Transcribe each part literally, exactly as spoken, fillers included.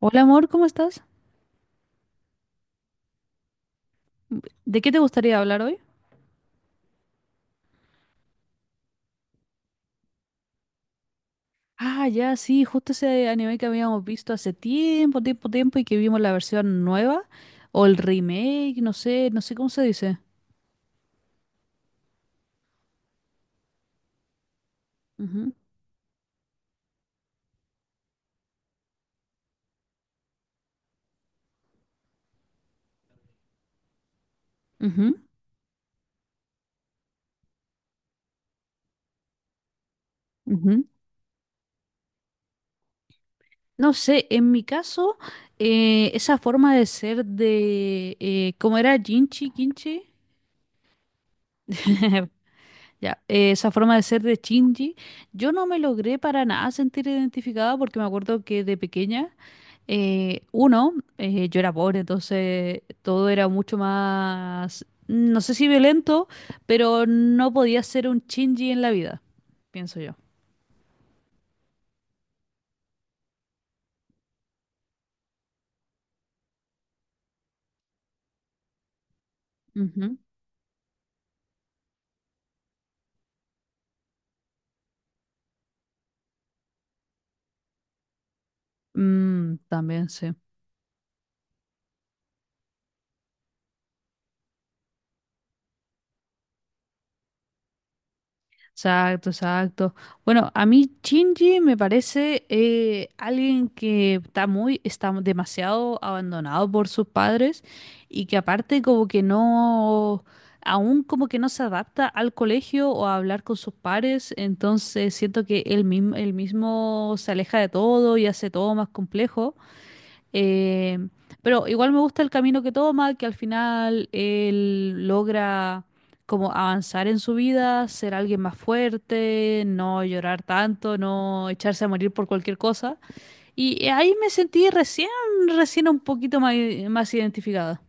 Hola amor, ¿cómo estás? ¿De qué te gustaría hablar hoy? Ah, ya, sí, justo ese anime que habíamos visto hace tiempo, tiempo, tiempo y que vimos la versión nueva o el remake, no sé, no sé cómo se dice. Ujú, ujú, ujú. No sé, en mi caso, eh, esa forma de ser de, eh, ¿cómo era? Jinchi, Kinchi. Ya, eh, esa forma de ser de Shinji, yo no me logré para nada sentir identificada porque me acuerdo que de pequeña, eh, uno, eh, yo era pobre, entonces todo era mucho más, no sé si violento, pero no podía ser un Shinji en la vida, pienso yo. Ujú. Mm, también, sí. Exacto, exacto. Bueno, a mí Shinji me parece eh, alguien que está muy, está demasiado abandonado por sus padres y que aparte como que no, aún como que no se adapta al colegio o a hablar con sus pares, entonces siento que él mismo, él mismo se aleja de todo y hace todo más complejo. Eh, pero igual me gusta el camino que toma, que al final él logra como avanzar en su vida, ser alguien más fuerte, no llorar tanto, no echarse a morir por cualquier cosa. Y eh, ahí me sentí recién, recién un poquito más, más identificada.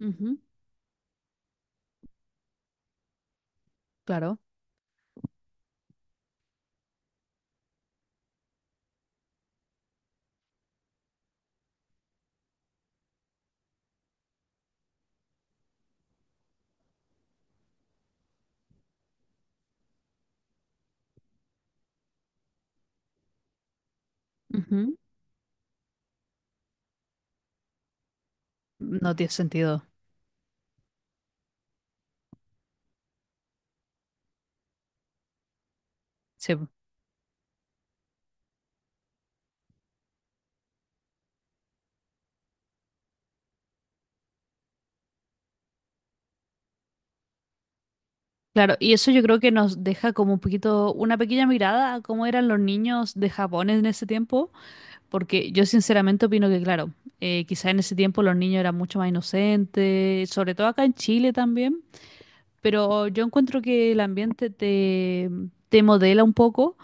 Ujú, claro. Ujú. No tiene sentido. Sí. Claro, y eso yo creo que nos deja como un poquito, una pequeña mirada a cómo eran los niños de Japón en ese tiempo. Porque yo sinceramente opino que, claro, eh, quizá en ese tiempo los niños eran mucho más inocentes, sobre todo acá en Chile también, pero yo encuentro que el ambiente te, te modela un poco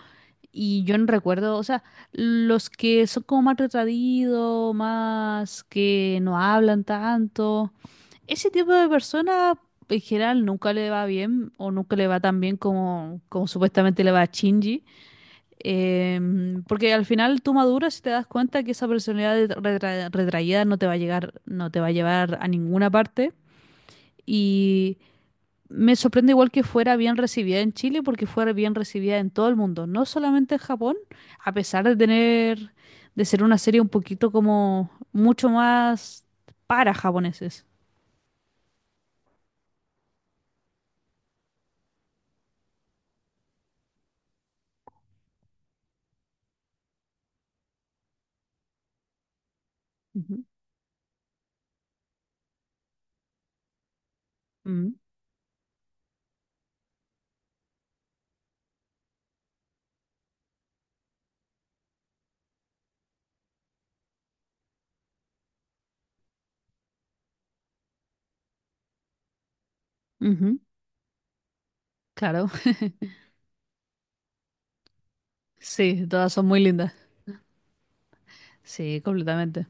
y yo no recuerdo, o sea, los que son como más retraídos, más que no hablan tanto, ese tipo de personas en general nunca le va bien o nunca le va tan bien como, como supuestamente le va a Shinji. Em, porque al final tú maduras y te das cuenta que esa personalidad de- retra- retraída no te va a llegar, no te va a llevar a ninguna parte. Y me sorprende igual que fuera bien recibida en Chile, porque fuera bien recibida en todo el mundo, no solamente en Japón, a pesar de tener, de ser una serie un poquito como mucho más para japoneses. Ujú. Mm, ujú, claro. Sí, todas son muy lindas. Sí, completamente.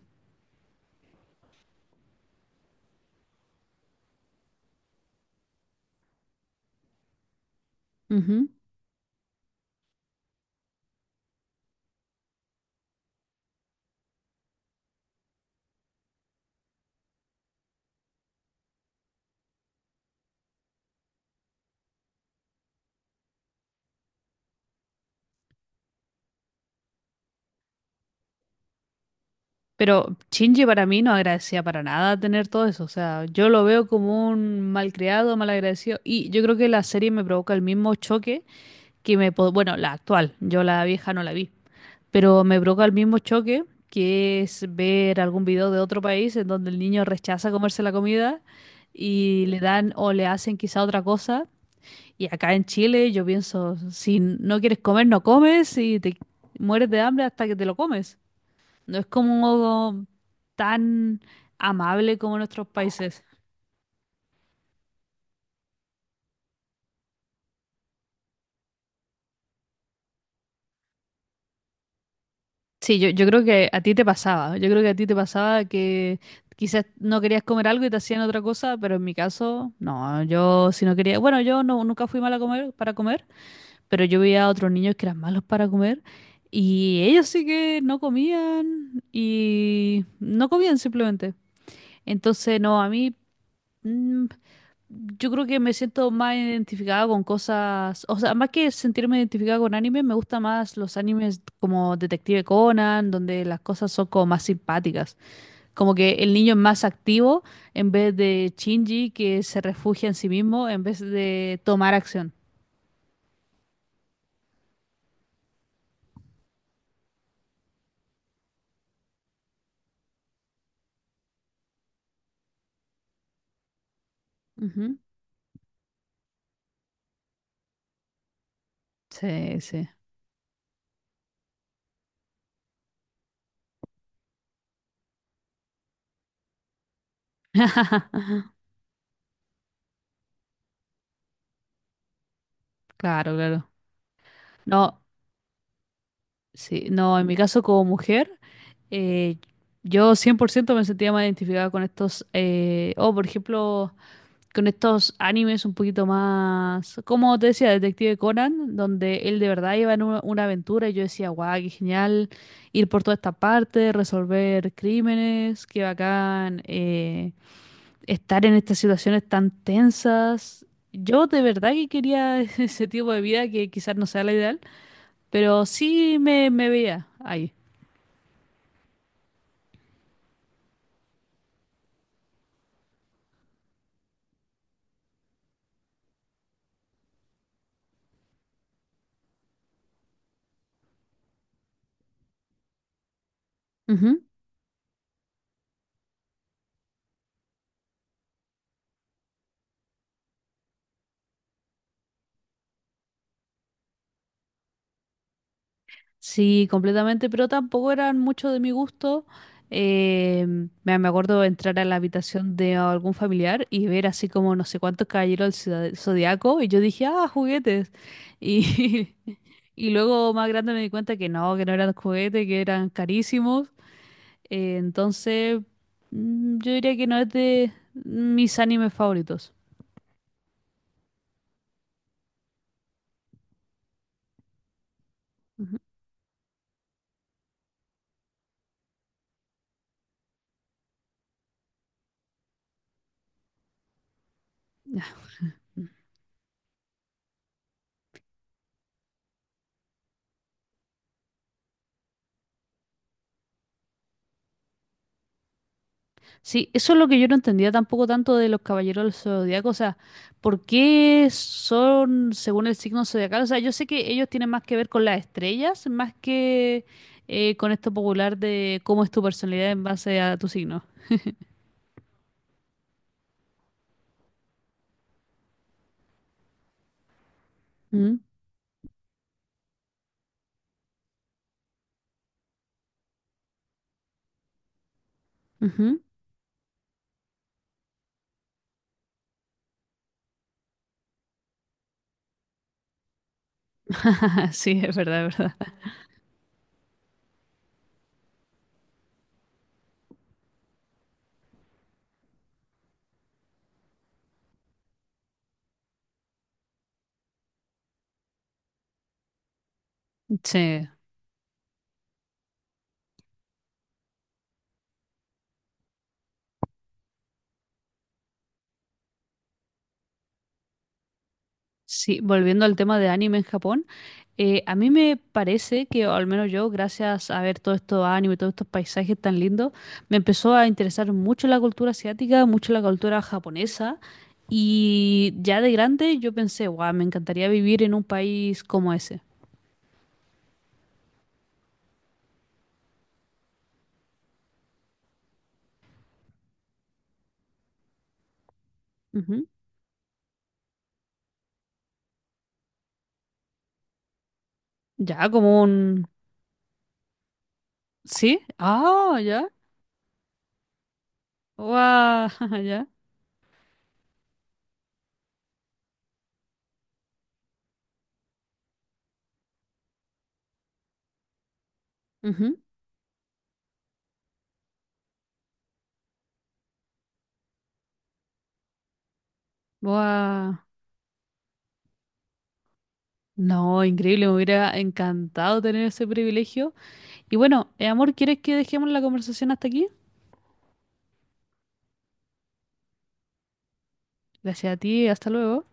Pero Shinji para mí no agradecía para nada tener todo eso. O sea, yo lo veo como un mal creado, mal agradecido. Y yo creo que la serie me provoca el mismo choque que me... po- Bueno, la actual, yo la vieja no la vi. Pero me provoca el mismo choque que es ver algún video de otro país en donde el niño rechaza comerse la comida y le dan o le hacen quizá otra cosa. Y acá en Chile yo pienso, si no quieres comer, no comes y te mueres de hambre hasta que te lo comes. No es como tan amable como en otros países. Sí, yo, yo creo que a ti te pasaba. Yo creo que a ti te pasaba que quizás no querías comer algo y te hacían otra cosa, pero en mi caso, no. Yo si no quería, bueno, yo no, nunca fui mala a comer, para comer, pero yo veía a otros niños que eran malos para comer y ellos sí que no comían y no comían simplemente. Entonces, no, a mí Mm, yo creo que me siento más identificada con cosas, o sea, más que sentirme identificada con anime, me gusta más los animes como Detective Conan, donde las cosas son como más simpáticas, como que el niño es más activo en vez de Shinji que se refugia en sí mismo en vez de tomar acción. Ujú. Sí, sí. Claro, claro. No. Sí, no, en mi caso como mujer, eh, yo cien por ciento me sentía más identificada con estos, eh, o por ejemplo, con estos animes un poquito más, como te decía, Detective Conan, donde él de verdad iba en una, una aventura y yo decía, guau, qué genial ir por toda esta parte, resolver crímenes, qué bacán, eh, estar en estas situaciones tan tensas. Yo de verdad que quería ese tipo de vida que quizás no sea la ideal. Pero sí me, me veía ahí. Ujú. Sí, completamente, pero tampoco eran mucho de mi gusto. Eh, me me acuerdo de entrar a la habitación de algún familiar y ver así como no sé cuántos caballeros del Zodía- zodiaco y yo dije, ah, juguetes. Y y luego más grande me di cuenta que no, que no eran juguetes, que eran carísimos. Eh, entonces, mm, yo diría que no es de mis animes favoritos. Ujú. Sí, eso es lo que yo no entendía tampoco tanto de los caballeros del zodiaco, o sea, ¿por qué son según el signo zodiacal? O sea, yo sé que ellos tienen más que ver con las estrellas, más que eh, con esto popular de cómo es tu personalidad en base a tu signo. Mm, ujú. Ah, sí, es verdad, es verdad. Sí, sí, volviendo al tema de anime en Japón. Eh, a mí me parece que, o al menos yo, gracias a ver todo esto anime, y todos estos paisajes tan lindos, me empezó a interesar mucho la cultura asiática, mucho la cultura japonesa. Y ya de grande yo pensé, guau, me encantaría vivir en un país como ese. Ujú. Ya, como un... ¿Sí? Ah, ya. Guau, ya. Ujú. Guau. No, increíble, me hubiera encantado tener ese privilegio. Y bueno, eh, amor, ¿quieres que dejemos la conversación hasta aquí? Gracias a ti, hasta luego.